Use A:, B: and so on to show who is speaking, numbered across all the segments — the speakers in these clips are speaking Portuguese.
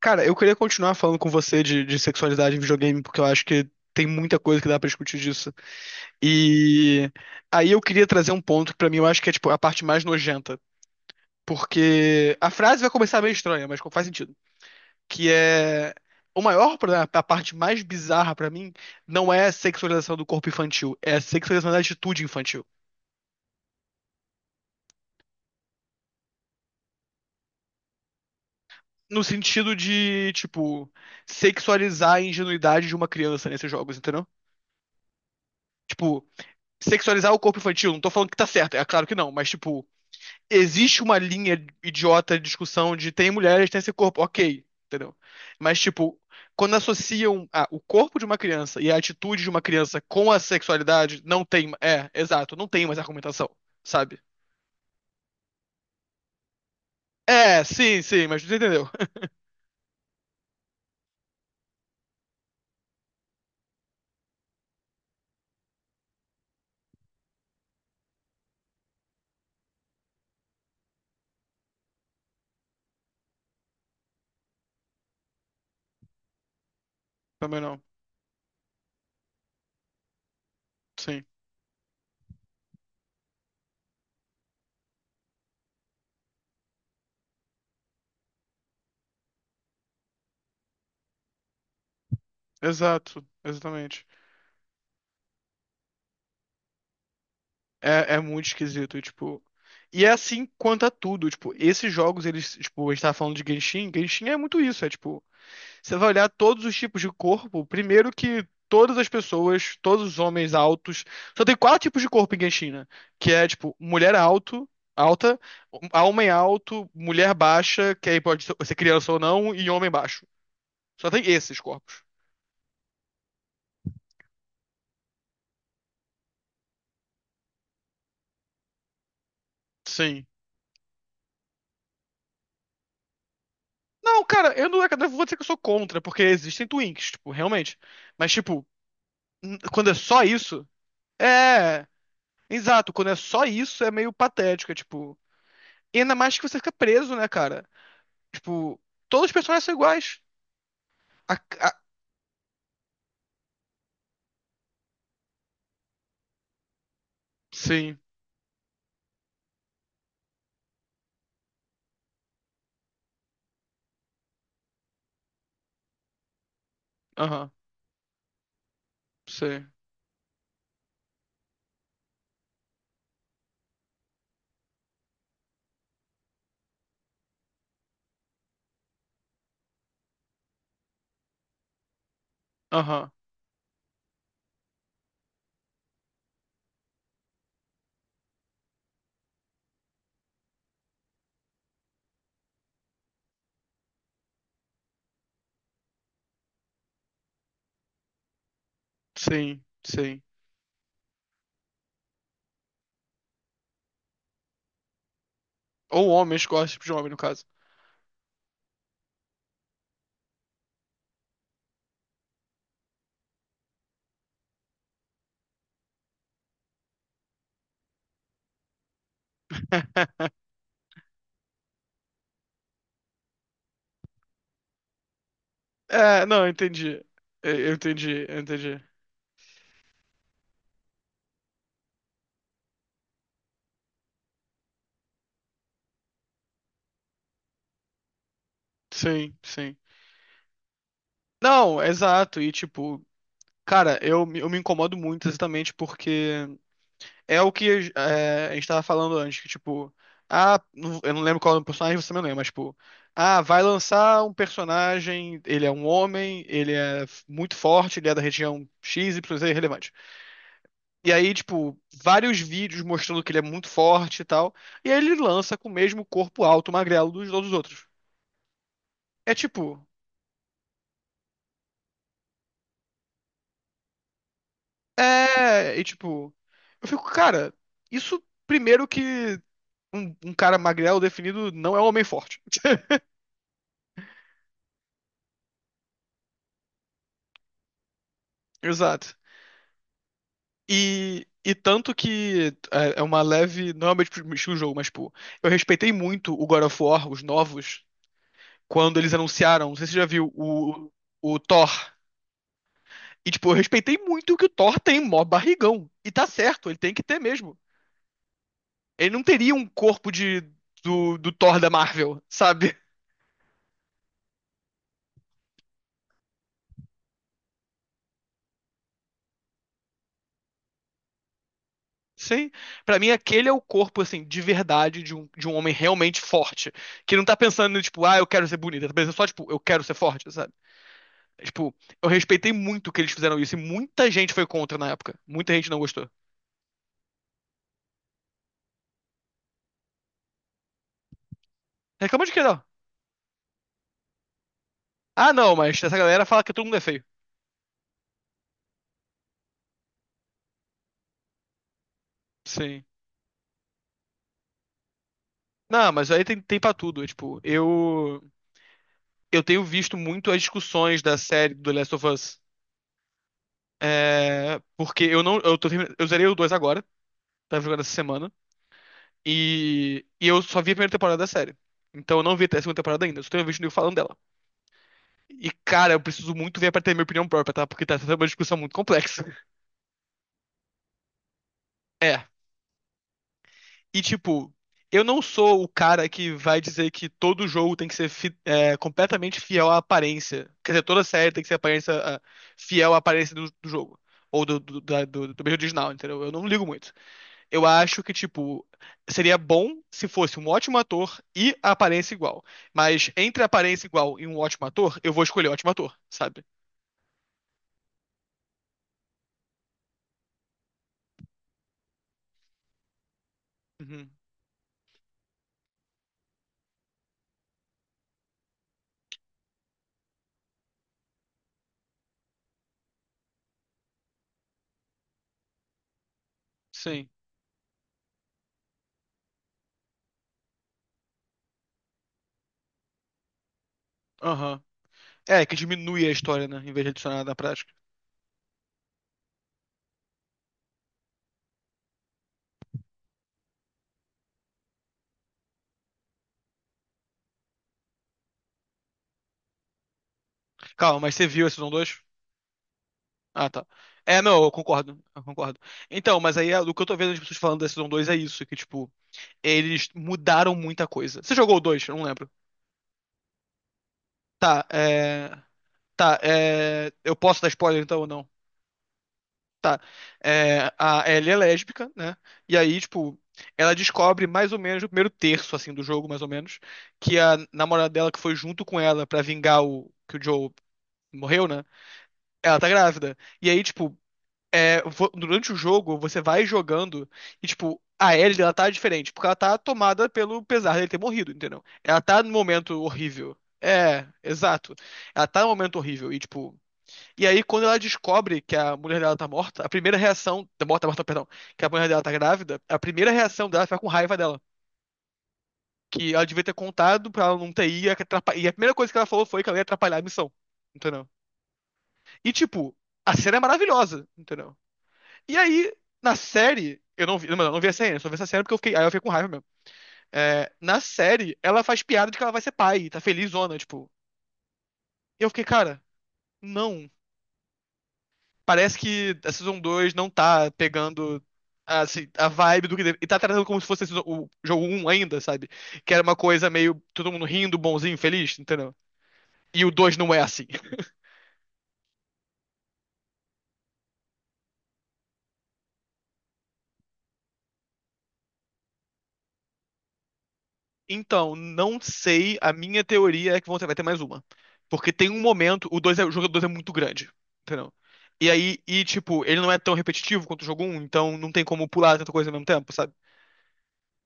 A: Cara, eu queria continuar falando com você de sexualidade em videogame, porque eu acho que tem muita coisa que dá pra discutir disso. E aí eu queria trazer um ponto que pra mim eu acho que é tipo a parte mais nojenta, porque a frase vai começar meio estranha, mas faz sentido, que é o maior problema, a parte mais bizarra pra mim não é a sexualização do corpo infantil, é a sexualização da atitude infantil. No sentido de, tipo, sexualizar a ingenuidade de uma criança nesses jogos, entendeu? Tipo, sexualizar o corpo infantil, não tô falando que tá certo, é claro que não, mas tipo, existe uma linha idiota de discussão de tem mulheres, tem esse corpo, ok, entendeu? Mas tipo, quando associam o corpo de uma criança e a atitude de uma criança com a sexualidade, não tem, é, exato, não tem mais argumentação, sabe? É, sim, sim, mas você entendeu. Também não, sim, exato, exatamente. É, é muito esquisito, e, tipo... E é assim quanto a tudo, tipo, esses jogos, eles, tipo, a gente tava falando de Genshin, Genshin é muito isso, é tipo, você vai olhar todos os tipos de corpo. Primeiro que todas as pessoas, todos os homens altos. Só tem quatro tipos de corpo em Genshin, né? Que é, tipo, alta, homem alto, mulher baixa, que aí pode ser criança ou não, e homem baixo. Só tem esses corpos. Sim. Não, cara, eu não vou dizer que eu sou contra, porque existem twinks, tipo, realmente. Mas, tipo, quando é só isso. É. Exato, quando é só isso é meio patético, é tipo. E ainda mais que você fica preso, né, cara? Tipo, todos os personagens são iguais. A- a- Sim, aham, sim, aham, sim, sim. Ou homens, qual é esse tipo de homem, no caso. É, não, eu entendi. Eu entendi, eu entendi. Sim, sim. Não, exato. E tipo, cara, eu me incomodo muito exatamente porque é o que é, a gente tava falando antes, que tipo, eu não lembro qual é o personagem, você também não lembra, mas tipo, ah, vai lançar um personagem, ele é um homem, ele é muito forte, ele é da região X, Y, Z, relevante. E aí, tipo, vários vídeos mostrando que ele é muito forte e tal, e aí ele lança com o mesmo corpo alto, magrelo dos todos os outros. É tipo, é, e tipo, eu fico, cara, isso primeiro que um cara magrelo definido não é um homem forte. Exato. E tanto que é uma leve. Não é o meu tipo estilo de jogo, mas, tipo, eu respeitei muito o God of War, os novos, quando eles anunciaram. Não sei se você já viu o Thor. E, tipo, eu respeitei muito que o Thor tem mó barrigão. E tá certo, ele tem que ter mesmo. Ele não teria um corpo de, do Thor da Marvel, sabe? Sim. Pra mim, aquele é o corpo, assim, de verdade, de um homem realmente forte. Que não tá pensando, tipo, ah, eu quero ser bonita, tá pensando só, tipo, eu quero ser forte, sabe? Tipo, eu respeitei muito que eles fizeram isso e muita gente foi contra na época. Muita gente não gostou. Reclama de quê, não? Ah, não, mas essa galera fala que todo mundo é feio. Sim. Não, mas aí tem, tem pra tudo. É, tipo, eu tenho visto muito as discussões da série do The Last of Us. É, porque eu não. Eu, tô, eu zerei o 2 agora, tava jogando essa semana. E eu só vi a primeira temporada da série. Então eu não vi até a segunda temporada ainda, eu só tenho visto o nego falando dela. E, cara, eu preciso muito ver pra ter minha opinião própria, tá? Porque tá sendo uma discussão muito complexa. É, e, tipo, eu não sou o cara que vai dizer que todo jogo tem que ser é, completamente fiel à aparência. Quer dizer, toda série tem que ser aparência, ah, fiel à aparência do jogo. Ou do, do, do, do mesmo original, entendeu? Eu não ligo muito. Eu acho que, tipo, seria bom se fosse um ótimo ator e a aparência igual. Mas entre a aparência igual e um ótimo ator, eu vou escolher o ótimo ator, sabe? Uhum. Sim. Aham. É, que diminui a história, né? Em vez de adicionar na prática. Calma, mas você viu a Season 2? Ah, tá. É, não, eu concordo, eu concordo. Então, mas o que eu tô vendo as pessoas falando da Season 2 é isso, que, tipo, eles mudaram muita coisa. Você jogou o 2? Eu não lembro. Tá, é... Tá, é... Eu posso dar spoiler, então, ou não? Tá. É... A Ellie é lésbica, né? E aí, tipo, ela descobre mais ou menos, no primeiro terço, assim, do jogo, mais ou menos, que a namorada dela que foi junto com ela pra vingar o... que o Joe morreu, né? Ela tá grávida. E aí, tipo, é, durante o jogo, você vai jogando e, tipo, a Ellie, ela tá diferente, porque ela tá tomada pelo pesar dele ter morrido, entendeu? Ela tá no momento horrível. É, exato. Ela tá no momento horrível e, tipo... E aí, quando ela descobre que a mulher dela tá morta, a primeira reação... tá morta, perdão. Que a mulher dela tá grávida, a primeira reação dela é ficar com raiva dela. Que ela devia ter contado pra ela não ter ido atrapalhar e a primeira coisa que ela falou foi que ela ia atrapalhar a missão, entendeu? E, tipo, a cena é maravilhosa, entendeu? E aí, na série, eu não vi, mano, eu não vi essa cena, eu só vi essa cena porque eu fiquei, aí eu fiquei com raiva mesmo. É, na série, ela faz piada de que ela vai ser pai, tá felizona, tipo. E eu fiquei, cara, não. Parece que a Season 2 não tá pegando a, assim, a vibe do que deve, e tá tratando como se fosse a o jogo um ainda, sabe? Que era uma coisa meio todo mundo rindo, bonzinho, feliz, entendeu? E o 2 não é assim. Então, não sei. A minha teoria é que vão ter, vai ter mais uma. Porque tem um momento, o jogo 2 é muito grande, entendeu? E aí, e tipo, ele não é tão repetitivo quanto o jogo um, então não tem como pular tanta coisa ao mesmo tempo, sabe?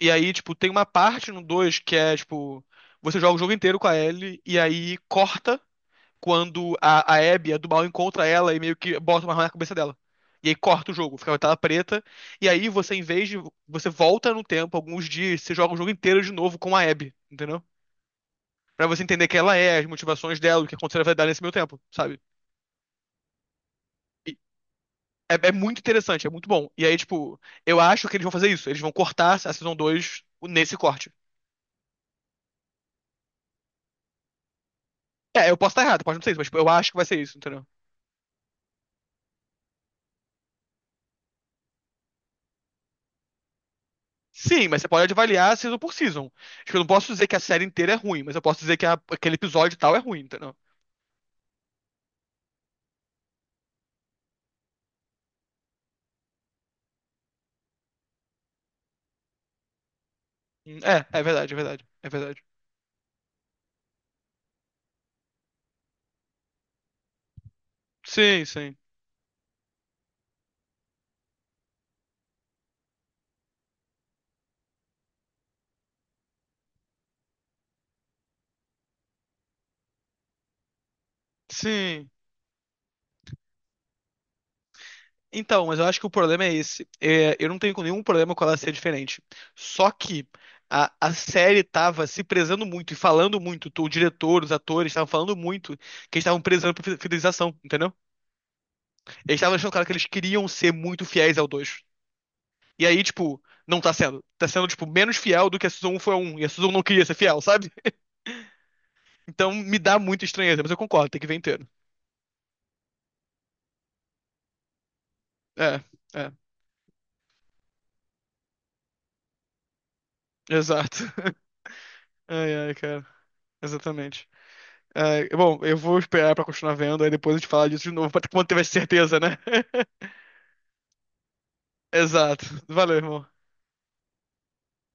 A: E aí, tipo, tem uma parte no 2 que é, tipo, você joga o jogo inteiro com a Ellie e aí corta quando a Abby, a do mal, encontra ela e meio que bota uma arma na cabeça dela. E aí corta o jogo, fica uma tela preta. E aí você, em vez de, você volta no tempo, alguns dias, você joga o jogo inteiro de novo com a Abby, entendeu? Pra você entender quem ela é, as motivações dela, o que aconteceu na vida dela nesse meio tempo, sabe? E é, é muito interessante, é muito bom. E aí, tipo, eu acho que eles vão fazer isso. Eles vão cortar a Season 2 nesse corte. É, eu posso estar errado, pode não ser isso, mas tipo, eu acho que vai ser isso, entendeu? Sim, mas você pode avaliar season por season. Tipo, eu não posso dizer que a série inteira é ruim, mas eu posso dizer que aquele episódio tal é ruim, entendeu? É, é verdade, é verdade, é verdade. Sim, sim. Sim. Então, mas eu acho que o problema é esse. É, eu não tenho nenhum problema com ela ser diferente. Só que a série tava se prezando muito e falando muito. O diretor, os atores estavam falando muito que eles estavam prezando por fidelização, entendeu? Eles estavam deixando claro que eles queriam ser muito fiéis ao 2. E aí, tipo, não tá sendo. Tá sendo, tipo, menos fiel do que a Season 1 foi a 1. E a Season 1 não queria ser fiel, sabe? Então me dá muita estranheza, mas eu concordo, tem que ver inteiro. É, é, exato. Ai, ai, cara. Exatamente. Ai, bom, eu vou esperar pra continuar vendo, aí depois a gente fala disso de novo, pra- quando tiver certeza, né? Exato. Valeu, irmão.